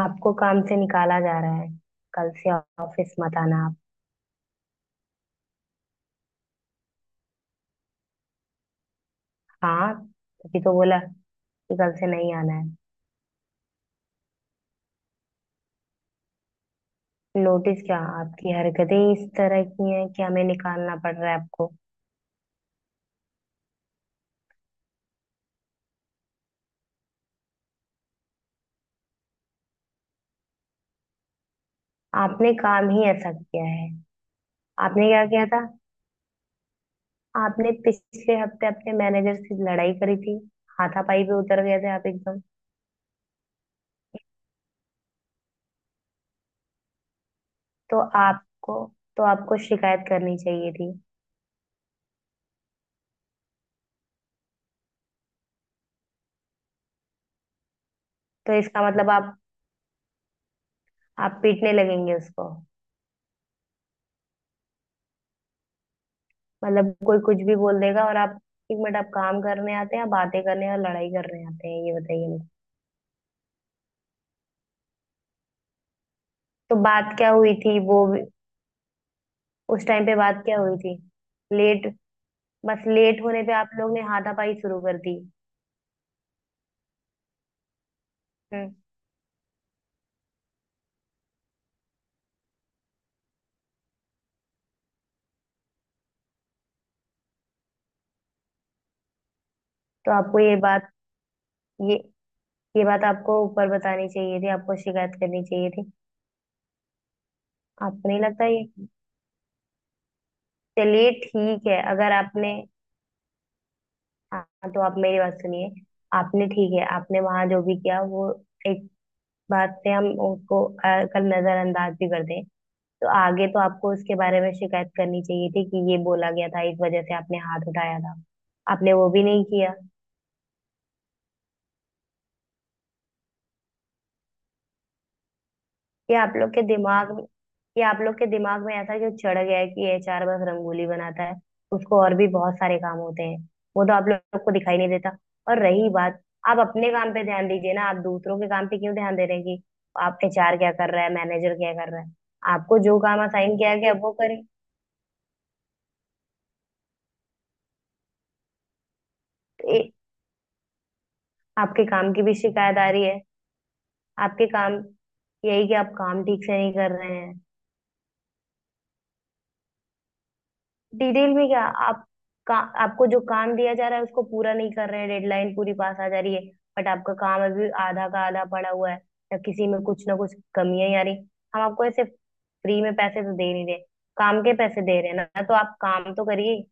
आपको काम से निकाला जा रहा है। कल से ऑफिस मत आना आप। हाँ, तभी तो बोला कि कल से नहीं आना है। नोटिस क्या, आपकी हरकतें ही इस तरह की हैं कि हमें निकालना पड़ रहा है आपको। आपने काम ही ऐसा किया है। आपने क्या किया था? आपने पिछले हफ्ते अपने मैनेजर से लड़ाई करी थी। हाथापाई पे उतर गए थे आप एकदम। तो आपको तो आपको शिकायत करनी चाहिए थी। तो इसका मतलब आप पीटने लगेंगे उसको? मतलब कोई कुछ भी बोल देगा और आप। एक मिनट, आप काम करने आते हैं या बातें करने या लड़ाई करने आते हैं, ये बताइए मुझे। तो बात क्या हुई थी वो उस टाइम पे बात क्या हुई थी? लेट? बस लेट होने पे आप लोग ने हाथापाई शुरू कर दी? हम्म। तो आपको ये बात, ये ये बात आपको ऊपर बतानी चाहिए थी। आपको शिकायत करनी चाहिए थी। आपको नहीं लगता ये? चलिए ठीक है, अगर आपने, हाँ तो आप मेरी बात सुनिए। आपने, ठीक है, आपने वहां जो भी किया वो एक बात से हम उसको कल नजरअंदाज भी कर दें, तो आगे तो आपको उसके बारे में शिकायत करनी चाहिए थी कि ये बोला गया था, इस वजह से आपने हाथ उठाया था। आपने वो भी नहीं किया। ये आप लोग के दिमाग में ये आप लोग के दिमाग में ऐसा क्यों चढ़ गया है कि एचआर बस रंगोली बनाता है? उसको और भी बहुत सारे काम होते हैं, वो तो आप लोग को दिखाई नहीं देता। और रही बात, आप अपने काम पे ध्यान दीजिए ना। आप दूसरों के काम पे क्यों ध्यान दे रहे हैं कि आप, एचआर क्या कर रहा है, मैनेजर क्या कर रहा है। आपको जो काम असाइन किया गया वो करें। आपके काम की भी शिकायत आ रही है। आपके काम, यही कि आप काम ठीक से नहीं कर रहे हैं। डिटेल में क्या आप, आपको जो काम दिया जा रहा है उसको पूरा नहीं कर रहे हैं। डेडलाइन पूरी पास आ जा रही है बट आपका काम अभी आधा का आधा पड़ा हुआ है, या किसी में कुछ ना कुछ कमियां ही आ रही। हम आपको ऐसे फ्री में पैसे तो दे नहीं रहे। काम के पैसे दे रहे हैं ना, तो आप काम तो करिए।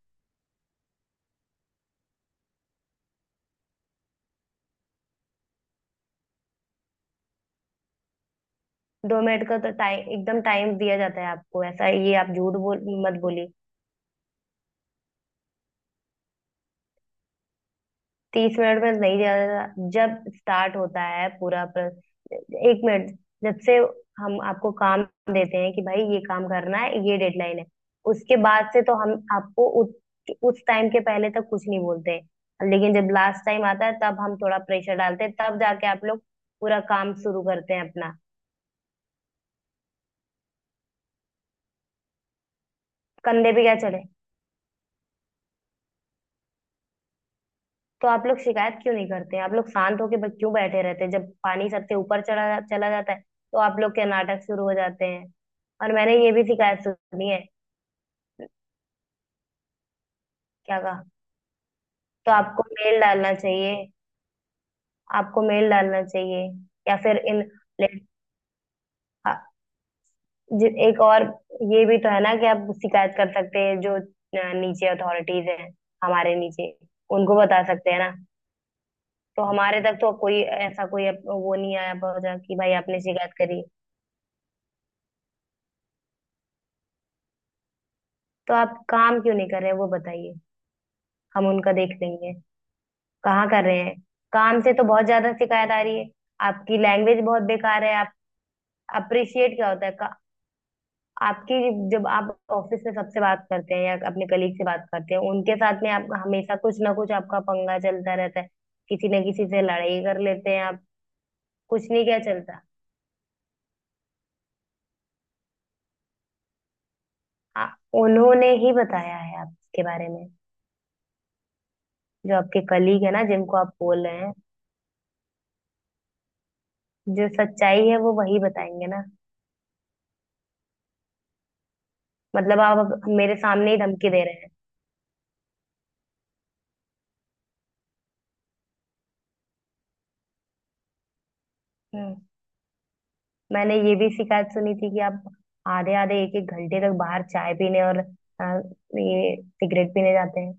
दो मिनट का तो टाइम, एकदम टाइम दिया जाता है आपको, ऐसा ये आप झूठ बोल मत बोलिए। तीस मिनट में नहीं, ज्यादा। जब स्टार्ट होता है पूरा एक मिनट, जब से हम आपको काम देते हैं कि भाई ये काम करना है, ये डेडलाइन है, उसके बाद से तो हम आपको उस टाइम के पहले तक कुछ नहीं बोलते हैं, लेकिन जब लास्ट टाइम आता है तब हम थोड़ा प्रेशर डालते हैं, तब जाके आप लोग पूरा काम शुरू करते हैं अपना। कंधे पे क्या चढ़े? तो आप लोग शिकायत क्यों नहीं करते? आप लोग शांत होके बस क्यों बैठे रहते हैं? जब पानी सबसे ऊपर चला जाता है, तो आप लोग के नाटक शुरू हो जाते हैं। और मैंने ये भी शिकायत सुनी है। क्या कहा? तो आपको मेल डालना चाहिए। आपको मेल डालना चाहिए। या फिर इन ले- आ- जि- एक और ये भी तो है ना कि आप शिकायत कर सकते हैं जो नीचे अथॉरिटीज हैं, हमारे नीचे, उनको बता सकते हैं ना। तो हमारे तक तो कोई ऐसा, कोई वो नहीं आया पहुंचा कि भाई आपने शिकायत करी। तो आप काम क्यों नहीं कर रहे हैं, वो बताइए। हम उनका देख लेंगे। कहाँ कर रहे हैं? काम से तो बहुत ज्यादा शिकायत आ रही है। आपकी लैंग्वेज बहुत बेकार है आप। अप्रिशिएट क्या होता है आपकी। जब आप ऑफिस में सबसे बात करते हैं या अपने कलीग से बात करते हैं, उनके साथ में आप हमेशा कुछ ना कुछ, आपका पंगा चलता रहता है। किसी न किसी से लड़ाई कर लेते हैं आप। कुछ नहीं क्या चलता। आ, उन्होंने ही बताया है आपके बारे में। जो आपके कलीग है ना, जिनको आप बोल रहे हैं, जो सच्चाई है वो वही बताएंगे ना। मतलब आप अब मेरे सामने ही धमकी दे रहे हैं। हम्म। मैंने ये भी शिकायत सुनी थी कि आप आधे आधे एक एक घंटे तक बाहर चाय पीने और ये सिगरेट पीने जाते हैं।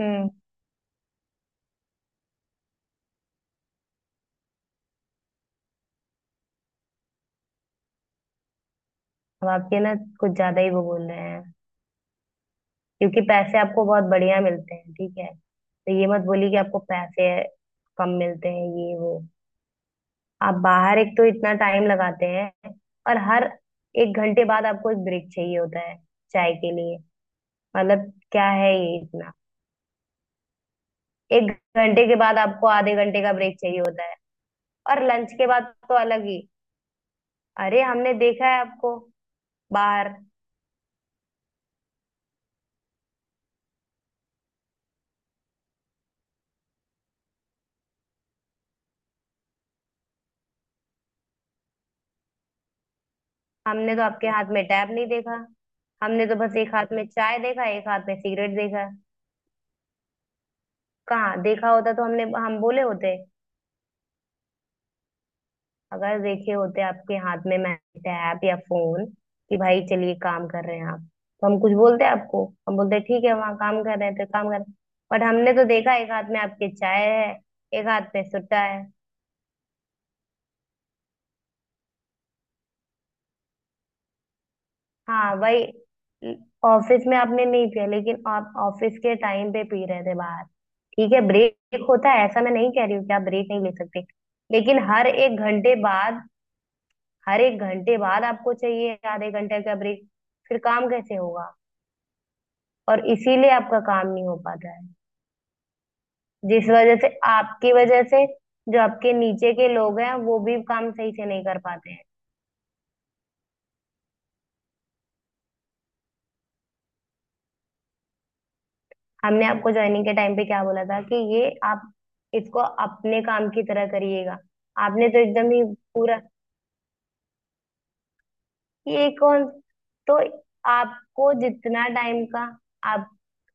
हम्म। अब आपके ना कुछ ज्यादा ही वो बोल रहे हैं क्योंकि पैसे आपको बहुत बढ़िया मिलते हैं, ठीक है? तो ये मत बोलिए कि आपको पैसे कम मिलते हैं, ये वो। आप बाहर एक तो इतना टाइम लगाते हैं, और हर एक घंटे बाद आपको एक ब्रेक चाहिए होता है चाय के लिए। मतलब क्या है ये इतना? एक घंटे के बाद आपको आधे घंटे का ब्रेक चाहिए होता है, और लंच के बाद तो अलग ही। अरे हमने देखा है आपको बाहर। हमने तो आपके हाथ में टैब नहीं देखा। हमने तो बस एक हाथ में चाय देखा, एक हाथ में सिगरेट देखा। कहाँ देखा होता तो हमने हम बोले होते। अगर देखे होते आपके हाथ में मैं, टैब या फोन, कि भाई चलिए काम कर रहे हैं आप, तो हम कुछ बोलते आपको। हम बोलते ठीक है, वहाँ काम कर रहे हैं तो काम कर रहे हैं। बट हमने तो देखा एक हाथ में आपके चाय है, एक हाथ में सुट्टा है। हाँ वही। ऑफिस में आपने नहीं पिया, लेकिन आप ऑफिस के टाइम पे पी रहे थे बाहर। ठीक है, ब्रेक होता है, ऐसा मैं नहीं कह रही हूँ कि आप ब्रेक नहीं ले सकते। लेकिन हर एक घंटे बाद आपको चाहिए आधे घंटे का ब्रेक? फिर काम कैसे होगा? और इसीलिए आपका काम नहीं हो पाता है। जिस वजह से, आपकी वजह से जो आपके नीचे के लोग हैं वो भी काम सही से नहीं कर पाते हैं। हमने आपको ज्वाइनिंग के टाइम पे क्या बोला था कि ये आप इसको अपने काम की तरह करिएगा। आपने तो एकदम ही पूरा, ये कौन। तो आपको जितना टाइम का, आप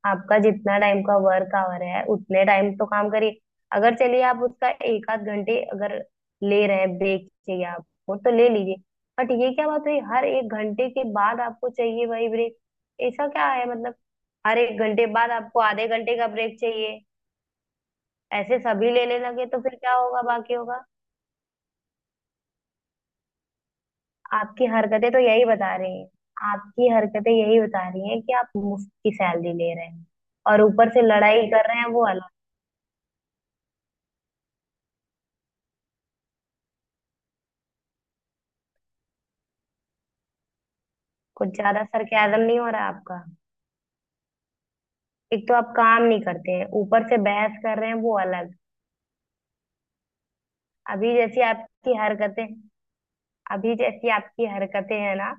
आपका जितना टाइम का वर्क आवर है उतने टाइम तो काम करिए। अगर चलिए आप उसका एक आध घंटे अगर ले रहे हैं, ब्रेक चाहिए आपको तो ले लीजिए। बट ये क्या बात हुई हर एक घंटे के बाद आपको चाहिए वही ब्रेक? ऐसा क्या है मतलब? हर एक घंटे बाद आपको आधे घंटे का ब्रेक चाहिए? ऐसे सभी लेने लगे तो फिर क्या होगा बाकियों का? आपकी हरकतें तो यही बता रही हैं। आपकी हरकतें यही बता रही हैं कि आप मुफ्त की सैलरी ले रहे हैं, और ऊपर से लड़ाई कर रहे हैं वो अलग। कुछ ज्यादा सरकाजम नहीं हो रहा आपका? एक तो आप काम नहीं करते हैं, ऊपर से बहस कर रहे हैं वो अलग। अभी जैसी आपकी हरकतें अभी जैसी आपकी हरकतें हैं ना,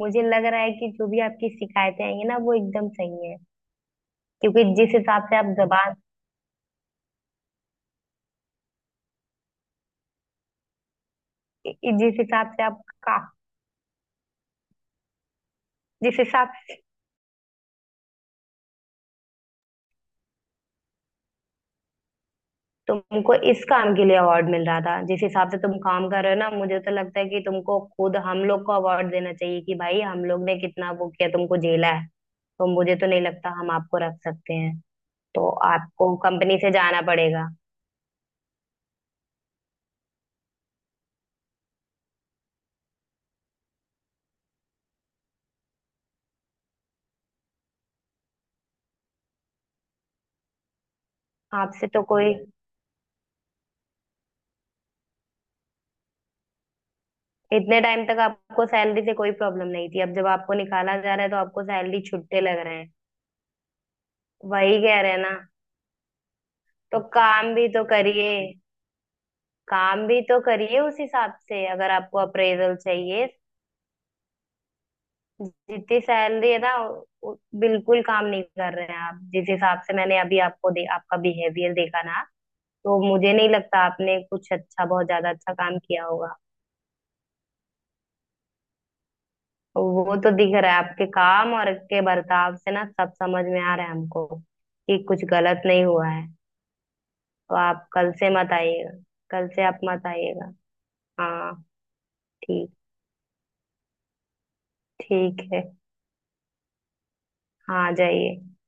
मुझे लग रहा है कि जो भी आपकी शिकायतें आई हैं ना वो एकदम सही है। क्योंकि जिस हिसाब से आप जबान, जिस हिसाब से आप का जिस हिसाब तुमको इस काम के लिए अवार्ड मिल रहा था, जिस हिसाब से तुम काम कर रहे हो ना, मुझे तो लगता है कि तुमको खुद हम लोग को अवार्ड देना चाहिए कि भाई हम लोग ने कितना वो किया, तुमको झेला है। तो मुझे तो नहीं लगता हम आपको रख सकते हैं। तो आपको कंपनी से जाना पड़ेगा। आपसे तो कोई, इतने टाइम तक आपको सैलरी से कोई प्रॉब्लम नहीं थी, अब जब आपको निकाला जा रहा है तो आपको सैलरी छुट्टे लग रहे हैं। वही कह रहे हैं ना। तो काम भी तो करिए। काम भी तो करिए उस हिसाब से, अगर आपको अप्रेजल चाहिए। जितनी सैलरी है ना, बिल्कुल काम नहीं कर रहे हैं आप। जिस हिसाब से मैंने अभी आपको आपका बिहेवियर देखा ना, तो मुझे नहीं लगता आपने कुछ अच्छा, बहुत ज्यादा अच्छा काम किया होगा। वो तो दिख रहा है आपके काम और आपके बर्ताव से ना। सब समझ में आ रहा है हमको कि कुछ गलत नहीं हुआ है। तो आप कल से मत आइएगा। कल से आप मत आइएगा। हाँ। ठीक। ठीक है। हाँ, आ जाइए।